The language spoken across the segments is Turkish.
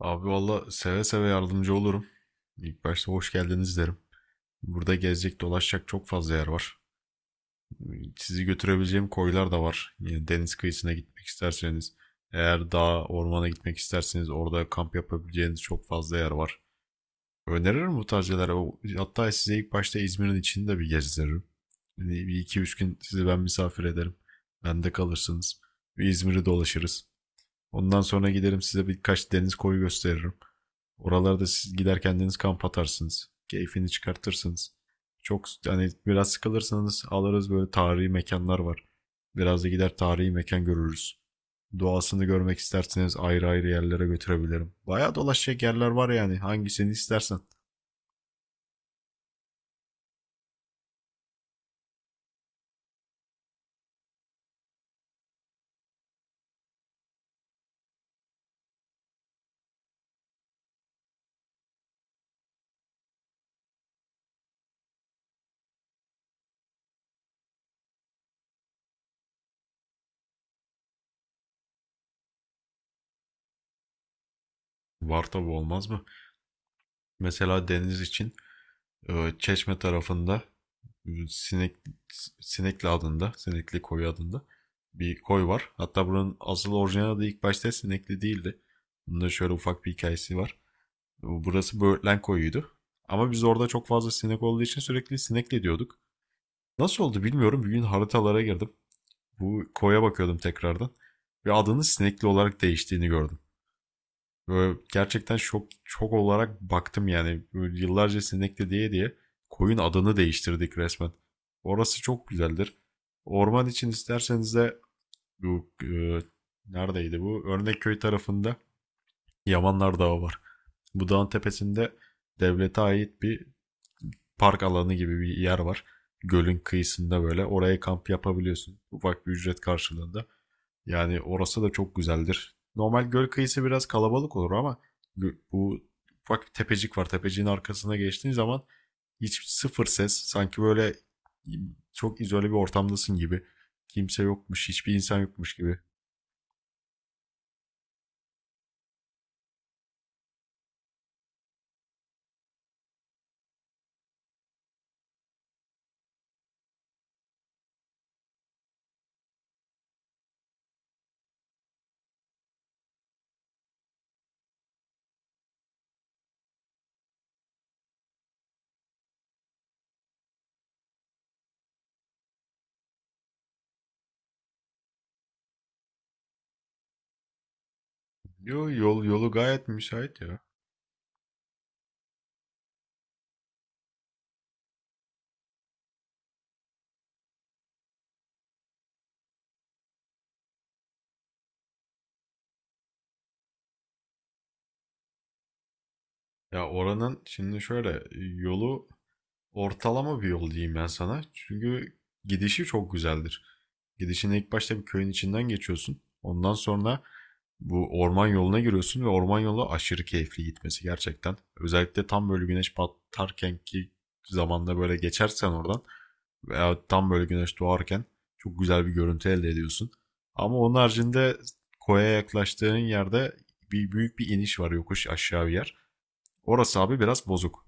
Abi valla seve seve yardımcı olurum. İlk başta hoş geldiniz derim. Burada gezecek dolaşacak çok fazla yer var. Sizi götürebileceğim koylar da var. Yani deniz kıyısına gitmek isterseniz, eğer dağa, ormana gitmek isterseniz orada kamp yapabileceğiniz çok fazla yer var. Öneririm bu tarz yerlere. Hatta size ilk başta İzmir'in içini de bir gezdiririm. Yani bir iki üç gün sizi ben misafir ederim. Bende kalırsınız. Bir İzmir'i dolaşırız. Ondan sonra giderim size birkaç deniz koyu gösteririm. Oralarda siz gider kendiniz kamp atarsınız. Keyfini çıkartırsınız. Çok hani biraz sıkılırsanız alırız böyle tarihi mekanlar var. Biraz da gider tarihi mekan görürüz. Doğasını görmek isterseniz ayrı ayrı yerlere götürebilirim. Bayağı dolaşacak yerler var yani hangisini istersen. Var tabi olmaz mı? Mesela deniz için Çeşme tarafında e, Sinek, Sinekli adında, Sinekli koyu adında bir koy var. Hatta buranın asıl orijinal adı ilk başta Sinekli değildi. Bunda şöyle ufak bir hikayesi var. Burası Böğürtlen koyuydu. Ama biz orada çok fazla sinek olduğu için sürekli sinekli diyorduk. Nasıl oldu bilmiyorum. Bir gün haritalara girdim. Bu koya bakıyordum tekrardan. Ve adının sinekli olarak değiştiğini gördüm. Böyle gerçekten şok şok olarak baktım yani. Böyle yıllarca sinekli diye diye koyun adını değiştirdik resmen. Orası çok güzeldir. Orman için isterseniz de bu neredeydi bu? Örnekköy tarafında Yamanlar Dağı var. Bu dağın tepesinde devlete ait bir park alanı gibi bir yer var. Gölün kıyısında böyle oraya kamp yapabiliyorsun. Ufak bir ücret karşılığında. Yani orası da çok güzeldir. Normal göl kıyısı biraz kalabalık olur ama bu bak bir tepecik var. Tepeciğin arkasına geçtiğin zaman hiç sıfır ses. Sanki böyle çok izole bir ortamdasın gibi. Kimse yokmuş, hiçbir insan yokmuş gibi. Yo, yol yolu gayet müsait ya. Ya oranın şimdi şöyle yolu ortalama bir yol diyeyim ben sana. Çünkü gidişi çok güzeldir. Gidişin ilk başta bir köyün içinden geçiyorsun. Ondan sonra bu orman yoluna giriyorsun ve orman yolu aşırı keyifli gitmesi gerçekten. Özellikle tam böyle güneş batarken ki zamanda böyle geçersen oradan veya tam böyle güneş doğarken çok güzel bir görüntü elde ediyorsun. Ama onun haricinde koya yaklaştığın yerde bir büyük bir iniş var yokuş aşağı bir yer. Orası abi biraz bozuk.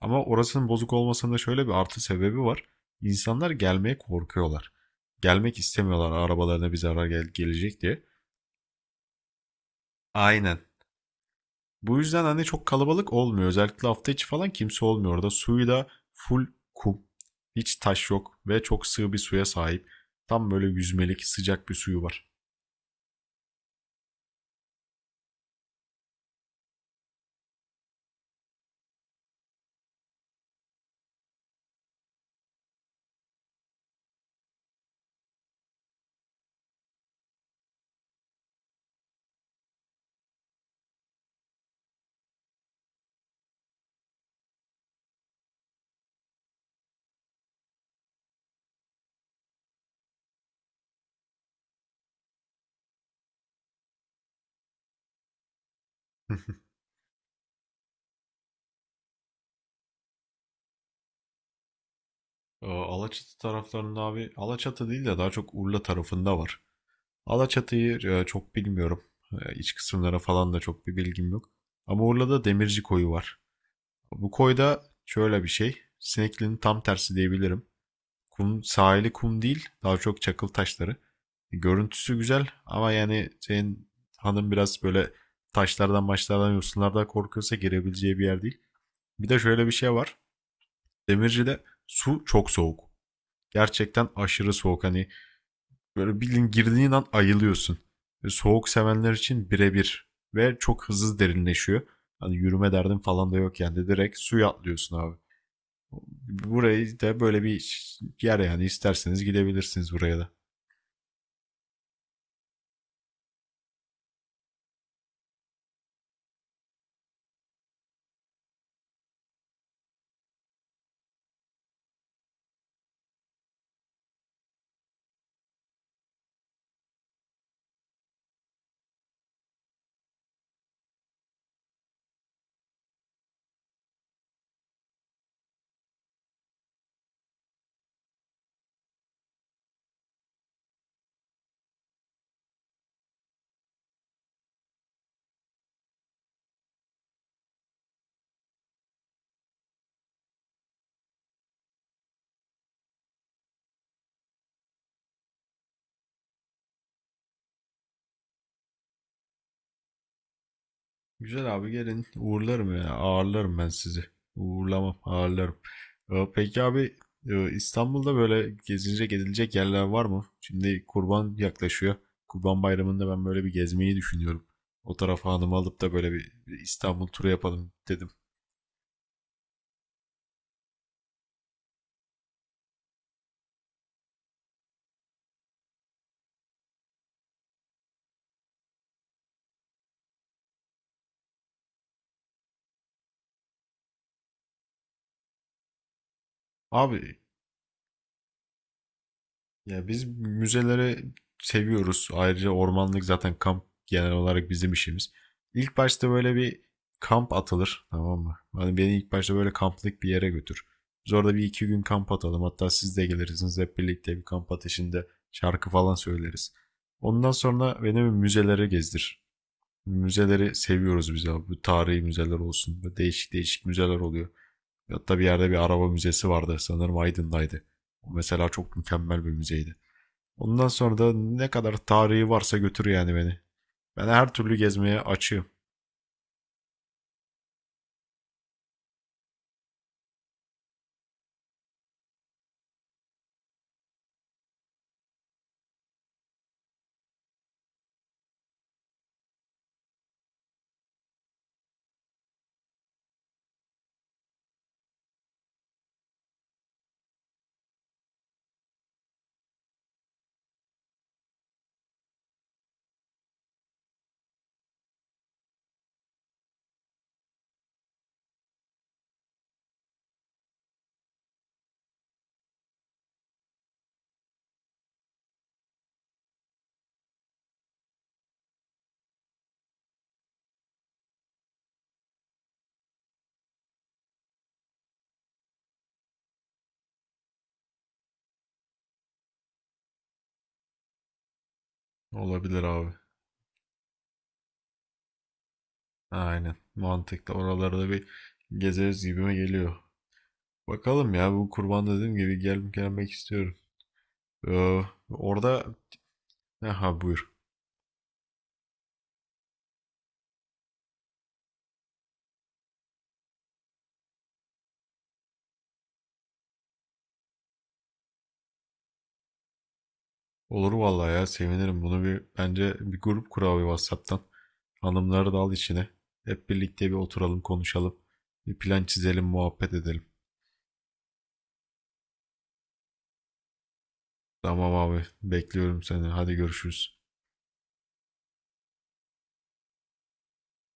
Ama orasının bozuk olmasında şöyle bir artı sebebi var. İnsanlar gelmeye korkuyorlar. Gelmek istemiyorlar arabalarına bir zarar gelecek diye. Aynen. Bu yüzden hani çok kalabalık olmuyor. Özellikle hafta içi falan kimse olmuyor. Orada suyu da full kum. Hiç taş yok ve çok sığ bir suya sahip. Tam böyle yüzmelik sıcak bir suyu var. Alaçatı taraflarında abi Alaçatı değil de daha çok Urla tarafında var. Alaçatı'yı çok bilmiyorum. İç kısımlara falan da çok bir bilgim yok. Ama Urla'da Demirci Koyu var. Bu koyda şöyle bir şey. Sinekli'nin tam tersi diyebilirim. Kum, sahili kum değil. Daha çok çakıl taşları. Görüntüsü güzel ama yani senin hanım biraz böyle taşlardan maçlardan yosunlardan korkuyorsa girebileceği bir yer değil. Bir de şöyle bir şey var. Demirci'de su çok soğuk. Gerçekten aşırı soğuk. Hani böyle bildiğin girdiğin an ayılıyorsun. Ve soğuk sevenler için birebir. Ve çok hızlı derinleşiyor. Hani yürüme derdin falan da yok yani. Direkt suya atlıyorsun abi. Burayı da böyle bir yer yani. İsterseniz gidebilirsiniz buraya da. Güzel abi gelin uğurlarım ya ağırlarım ben sizi. Uğurlamam ağırlarım. Peki abi İstanbul'da böyle gezilecek edilecek yerler var mı? Şimdi kurban yaklaşıyor. Kurban Bayramı'nda ben böyle bir gezmeyi düşünüyorum. O tarafa hanımı alıp da böyle bir İstanbul turu yapalım dedim. Abi ya biz müzeleri seviyoruz. Ayrıca ormanlık zaten kamp genel olarak bizim işimiz. İlk başta böyle bir kamp atılır, tamam mı? Hani beni ilk başta böyle kamplık bir yere götür. Biz orada bir iki gün kamp atalım. Hatta siz de gelirsiniz hep birlikte bir kamp ateşinde şarkı falan söyleriz. Ondan sonra beni bir müzelere gezdir. Müzeleri seviyoruz biz abi. Bu tarihi müzeler olsun. Böyle değişik değişik müzeler oluyor. Hatta bir yerde bir araba müzesi vardı. Sanırım Aydın'daydı. O mesela çok mükemmel bir müzeydi. Ondan sonra da ne kadar tarihi varsa götür yani beni. Ben her türlü gezmeye açığım. Olabilir abi. Aynen. Mantıklı. Oraları da bir gezeriz gibime geliyor. Bakalım ya bu kurban dediğim gibi gelmek istiyorum. Ee, Orada ha buyur. Olur vallahi ya sevinirim. Bunu bir bence bir grup kur abi WhatsApp'tan. Hanımları da al içine. Hep birlikte bir oturalım konuşalım. Bir plan çizelim muhabbet edelim. Tamam abi bekliyorum seni. Hadi görüşürüz.